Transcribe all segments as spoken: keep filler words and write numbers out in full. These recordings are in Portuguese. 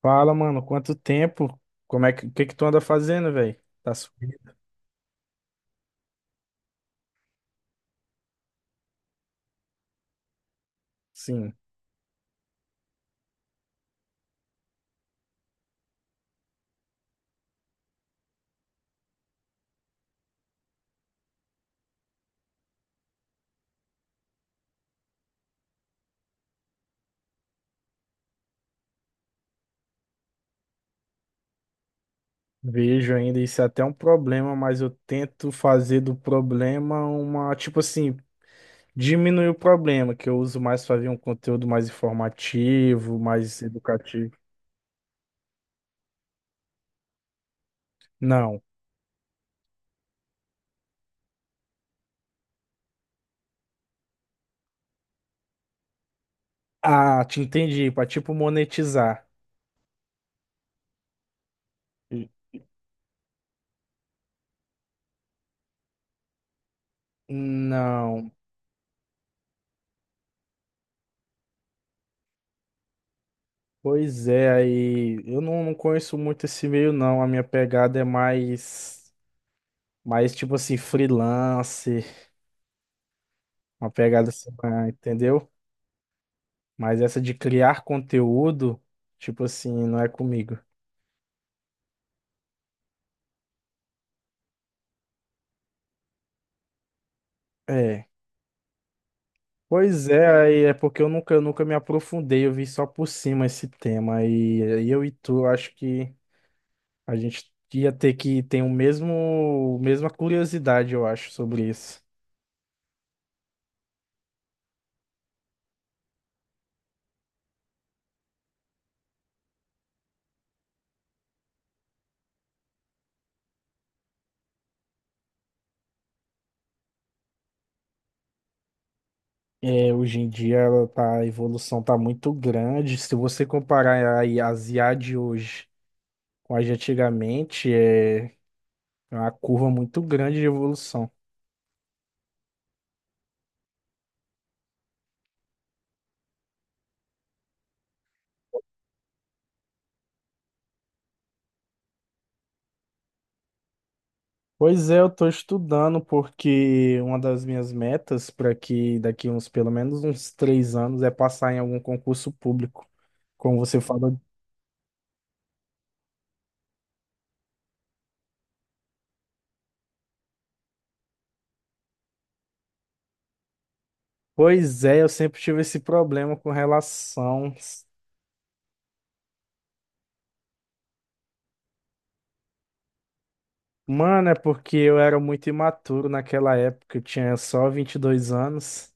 Fala, mano, quanto tempo? Como é que, o que que tu anda fazendo, velho? Tá sumido? Sim, vejo ainda. Isso é até um problema, mas eu tento fazer do problema uma, tipo assim, diminuir o problema, que eu uso mais pra ver um conteúdo mais informativo, mais educativo. Não. Ah, te entendi, pra tipo monetizar. Não. Pois é, aí eu não, não conheço muito esse meio, não. A minha pegada é mais, mais tipo assim, freelancer. Uma pegada assim, ah, entendeu? Mas essa de criar conteúdo, tipo assim, não é comigo. É. Pois é, aí é porque eu nunca, eu nunca me aprofundei, eu vi só por cima esse tema. E aí eu e tu, acho que a gente ia ter que ter o mesmo, mesma curiosidade, eu acho, sobre isso. É, hoje em dia ela tá, a evolução tá muito grande. Se você comparar a as I A de hoje com a de antigamente, é é uma curva muito grande de evolução. Pois é, eu tô estudando porque uma das minhas metas para que daqui uns pelo menos uns três anos é passar em algum concurso público. Como você falou. Pois é, eu sempre tive esse problema com relação. Mano, é porque eu era muito imaturo naquela época, eu tinha só vinte e dois anos.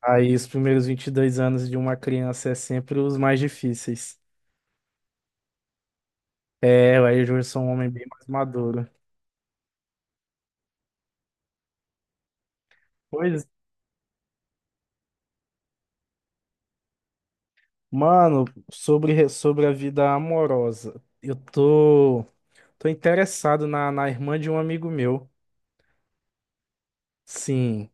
Aí os primeiros vinte e dois anos de uma criança é sempre os mais difíceis. É, aí eu já sou um homem bem mais maduro. Pois. Mano, sobre, sobre a vida amorosa, eu tô, tô interessado na, na irmã de um amigo meu. Sim.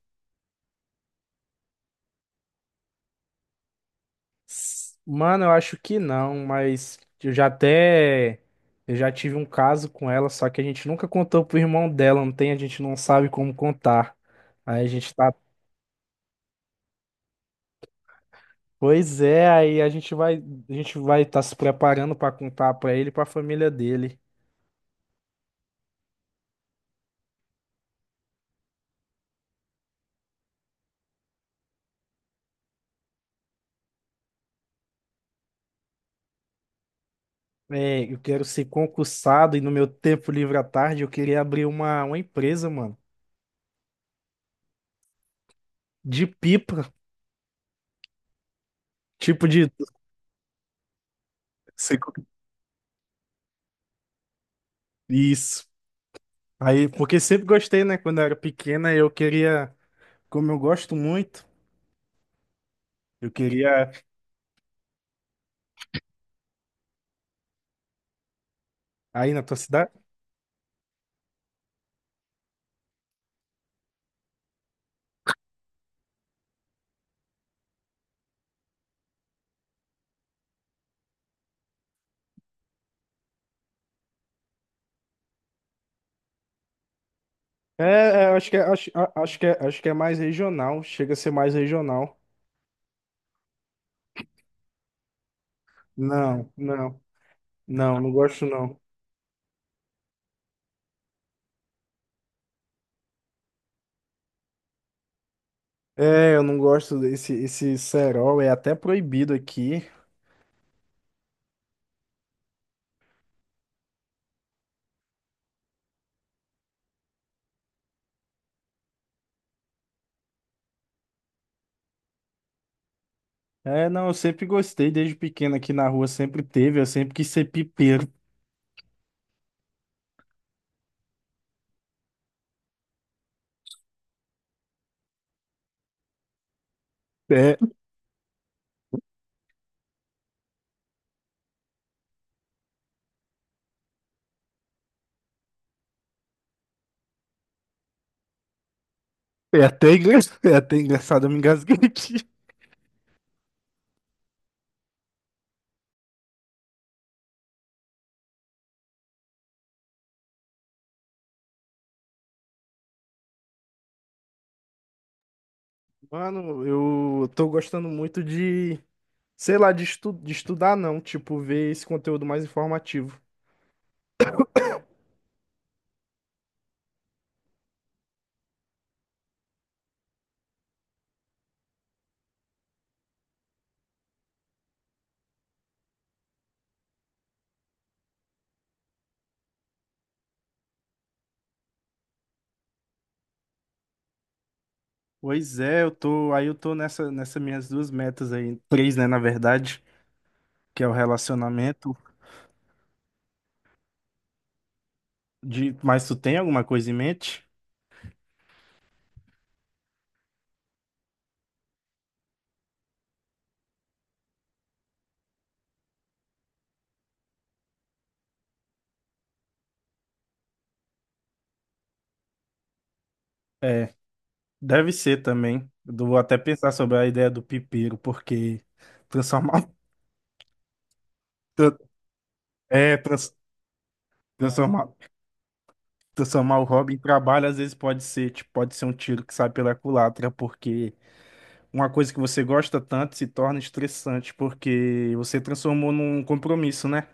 S- Mano, eu acho que não, mas eu já até. Eu já tive um caso com ela, só que a gente nunca contou pro irmão dela, não tem, a gente não sabe como contar. Aí a gente tá. Pois é, aí a gente vai, a gente vai estar se preparando pra contar pra ele e pra família dele. É, eu quero ser concursado e no meu tempo livre à tarde eu queria abrir uma, uma empresa, mano, de pipa, tipo de... sei co- Isso. Aí, porque sempre gostei, né? Quando eu era pequena, eu queria, como eu gosto muito, eu queria... Aí na tua cidade? É, é, acho que é, acho, a- acho que é, acho que é mais regional, chega a ser mais regional. Não, não, não, não gosto não. É, eu não gosto desse esse cerol, é até proibido aqui. É, não, eu sempre gostei, desde pequeno aqui na rua sempre teve, eu sempre quis ser pipeiro. É, é até engra- é até engraçado, eu me engasguei aqui. Mano, eu tô gostando muito de, sei lá, de, estu de estudar não, tipo, ver esse conteúdo mais informativo. Pois é, eu tô, aí eu tô nessa, nessas minhas duas metas aí, três, né, na verdade, que é o relacionamento de, mas tu tem alguma coisa em mente? É, deve ser também. Eu vou até pensar sobre a ideia do pipeiro, porque transformar. Tra- É, trans- transformar, transformar o hobby em trabalho às vezes pode ser, tipo, pode ser um tiro que sai pela culatra, porque uma coisa que você gosta tanto se torna estressante, porque você transformou num compromisso, né?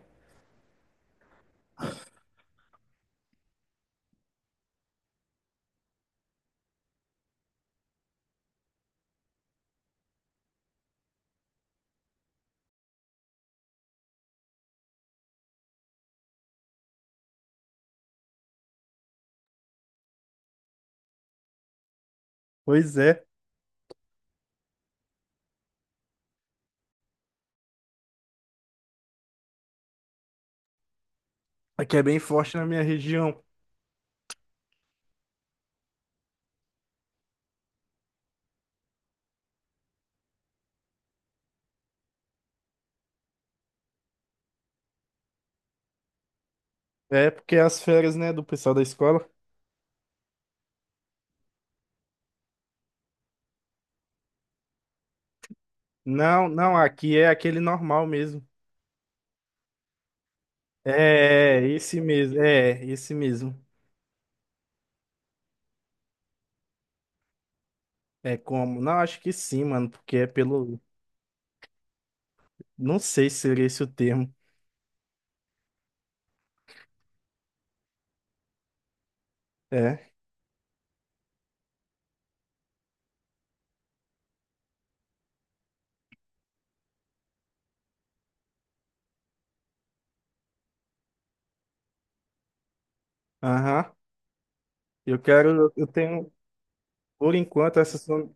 Pois é, aqui é bem forte na minha região. É porque as férias, né, do pessoal da escola. Não, não, aqui é aquele normal mesmo. É, esse mesmo, é, esse mesmo. É como? Não, acho que sim, mano, porque é pelo. Não sei se seria esse o termo. É. Aham. Eu quero, eu tenho, por enquanto, essas são,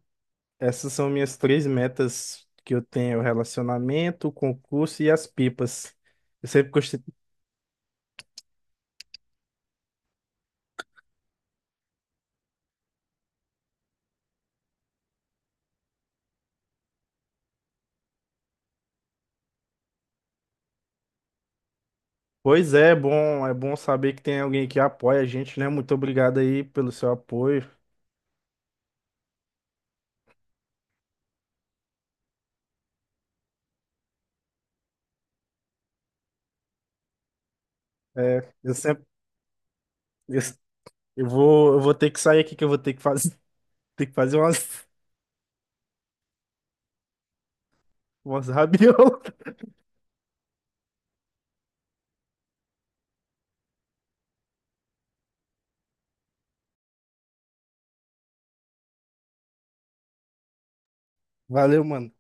essas são minhas três metas que eu tenho: é o relacionamento, o concurso e as pipas. Eu sempre gostei. Pois é, é bom, é bom saber que tem alguém que apoia a gente, né? Muito obrigado aí pelo seu apoio. É, eu sempre, eu, eu vou, eu vou ter que sair aqui que eu vou ter que fazer, ter que fazer umas, umas rabiolas. Valeu, mano.